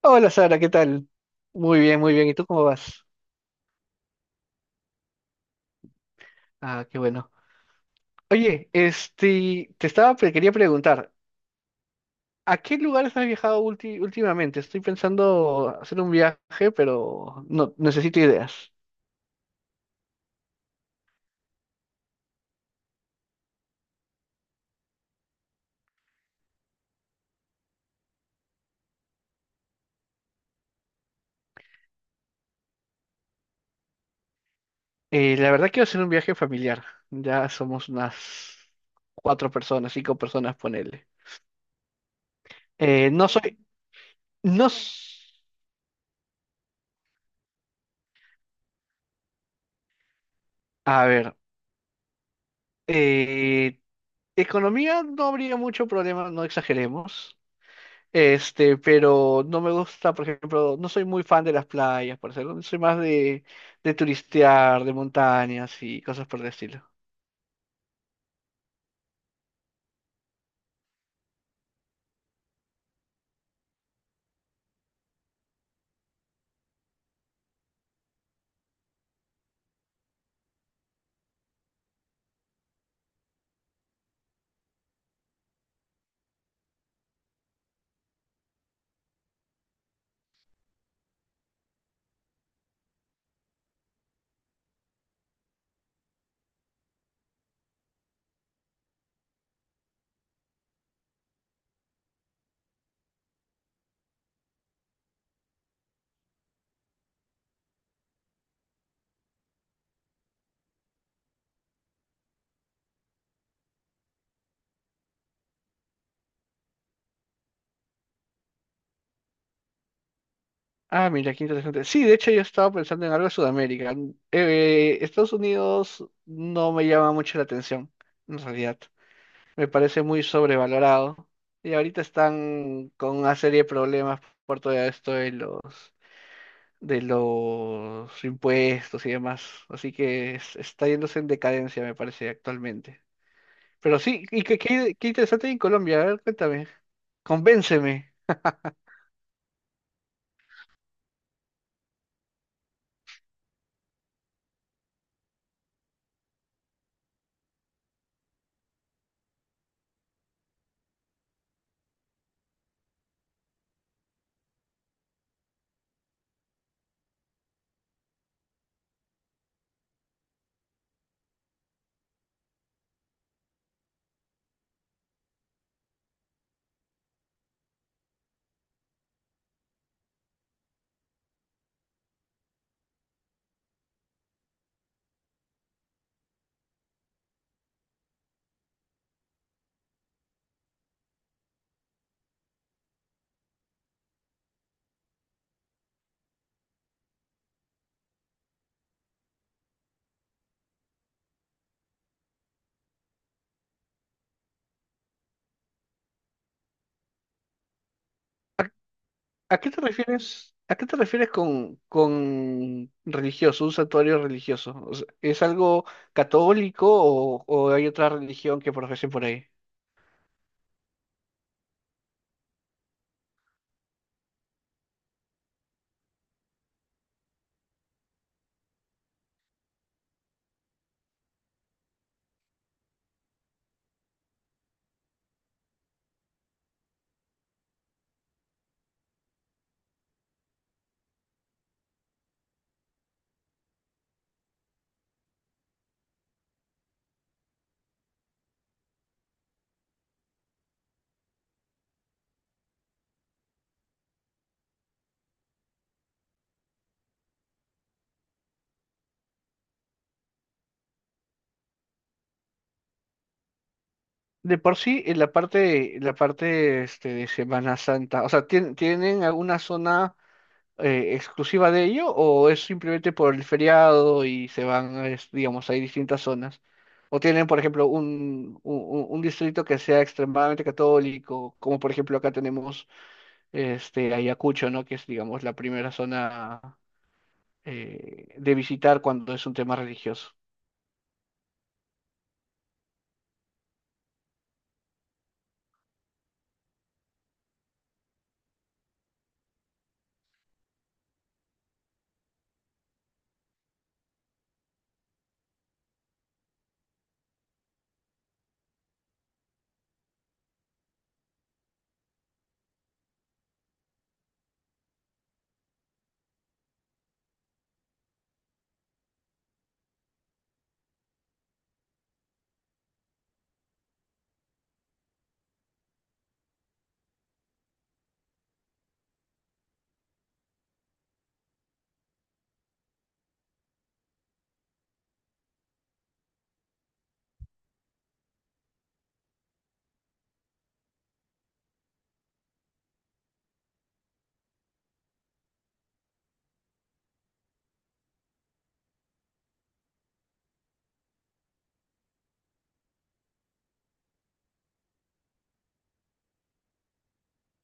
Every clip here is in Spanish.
Hola Sara, ¿qué tal? Muy bien, muy bien. ¿Y tú cómo vas? Ah, qué bueno. Oye, este, quería preguntar, ¿a qué lugares has viajado últimamente? Estoy pensando hacer un viaje, pero no necesito ideas. La verdad quiero hacer un viaje familiar. Ya somos unas cuatro personas, cinco personas, ponele. No soy, no, s- a ver, eh, Economía no habría mucho problema, no exageremos. Este, pero no me gusta, por ejemplo, no soy muy fan de las playas, por ejemplo, soy más de turistear, de montañas y cosas por el estilo. Ah, mira, qué interesante. Sí, de hecho yo estaba pensando en algo de Sudamérica. Estados Unidos no me llama mucho la atención, en realidad. Me parece muy sobrevalorado. Y ahorita están con una serie de problemas por todo esto de los impuestos y demás. Así que está yéndose en decadencia, me parece, actualmente. Pero sí, y qué interesante en Colombia. A ver, cuéntame, convénceme. ¿A, ¿A qué te refieres? ¿A qué te refieres con religioso, un santuario religioso? O sea, ¿es algo católico o hay otra religión que profesen por ahí? De por sí, en la parte este, de Semana Santa, o sea, tienen alguna zona ¿exclusiva de ello o es simplemente por el feriado y se van, digamos, hay distintas zonas? ¿O tienen, por ejemplo, un distrito que sea extremadamente católico, como por ejemplo acá tenemos este, Ayacucho, ¿no? Que es, digamos, la primera zona de visitar cuando es un tema religioso.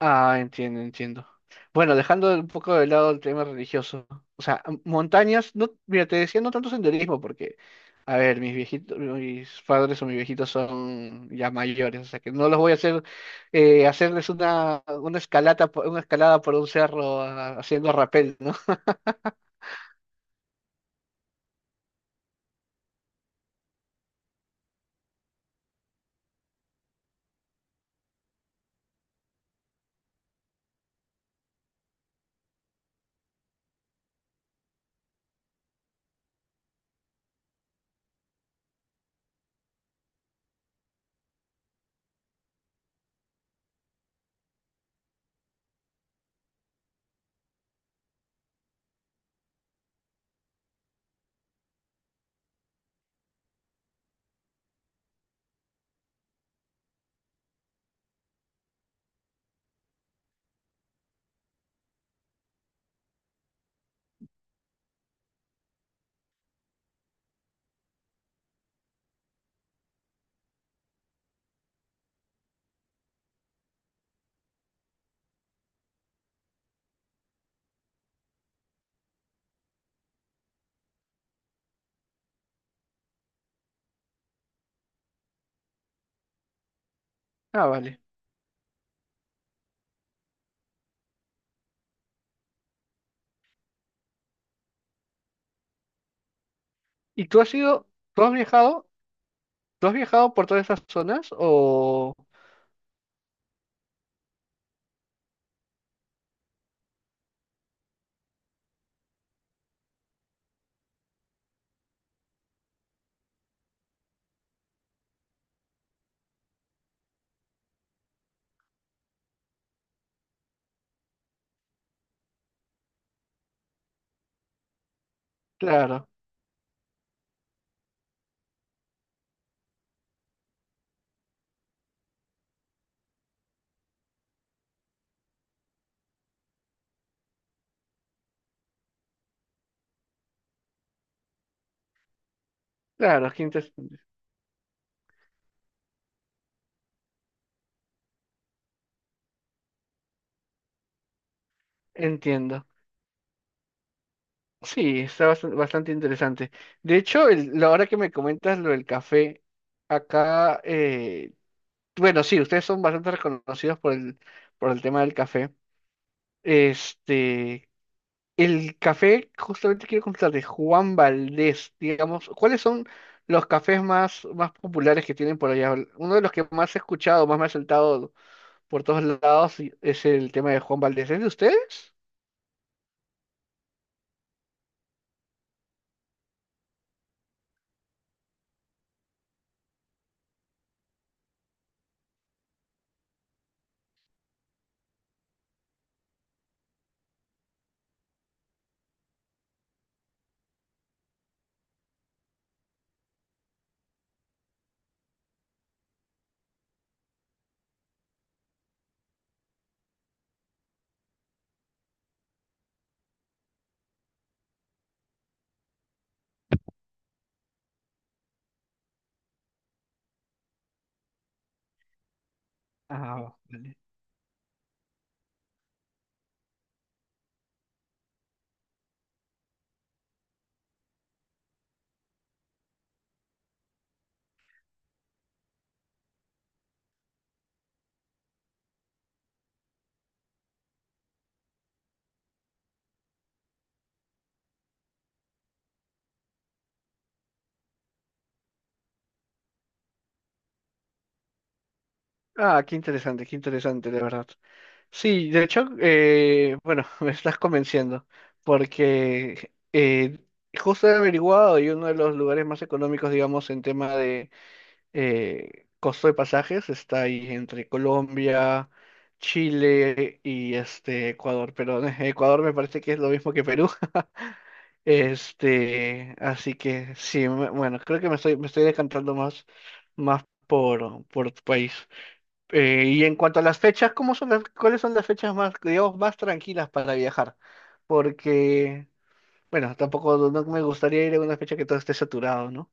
Ah, entiendo, entiendo. Bueno, dejando un poco de lado el tema religioso, o sea, montañas, no, mira, te decía no tanto senderismo, porque a ver, mis viejitos, mis padres o mis viejitos son ya mayores, o sea que no los voy a hacer hacerles una, una escalada por un cerro ah, haciendo rappel, ¿no? Ah, vale. ¿Y tú has ido, tú has viajado, ¿tú has viajado por todas esas zonas o... Claro, claro, qué inter- entiendo. Sí, está bastante interesante. De hecho, la hora que me comentas lo del café, acá, bueno, sí, ustedes son bastante reconocidos por el tema del café. Este, el café, justamente quiero contar de Juan Valdés, digamos, ¿cuáles son los cafés más populares que tienen por allá? Uno de los que más he escuchado, más me ha saltado por todos lados es el tema de Juan Valdés. ¿Es de ustedes? Ah, vale. Ah, qué interesante, de verdad. Sí, de hecho, bueno, me estás convenciendo, porque justo he averiguado y uno de los lugares más económicos, digamos, en tema de costo de pasajes está ahí entre Colombia, Chile y este Ecuador. Pero Ecuador me parece que es lo mismo que Perú. Este, así que sí, bueno, creo que me estoy decantando más, por tu país. Y en cuanto a las fechas, ¿cuáles son las fechas más, digamos, más tranquilas para viajar? Porque, bueno, tampoco no me gustaría ir en una fecha que todo esté saturado, ¿no?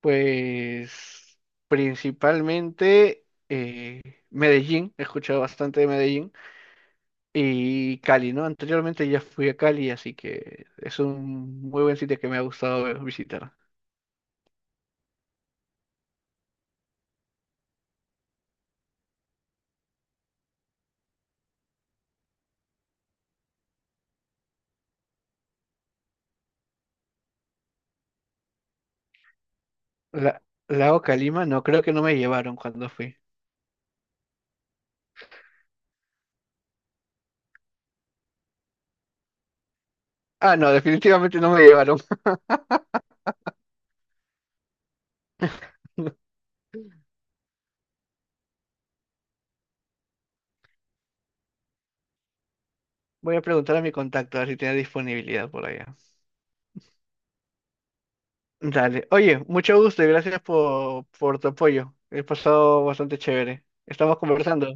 Pues principalmente Medellín, he escuchado bastante de Medellín y Cali, ¿no? Anteriormente ya fui a Cali, así que es un muy buen sitio que me ha gustado visitar. La, Lago Calima, no, creo que no me llevaron cuando fui. Ah, no, definitivamente no me llevaron. Voy a preguntar a mi contacto a ver si tiene disponibilidad por allá. Dale. Oye, mucho gusto y gracias por tu apoyo. He pasado bastante chévere. Estamos conversando.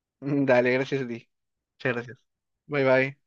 Dale, gracias a ti. Muchas gracias. Bye bye.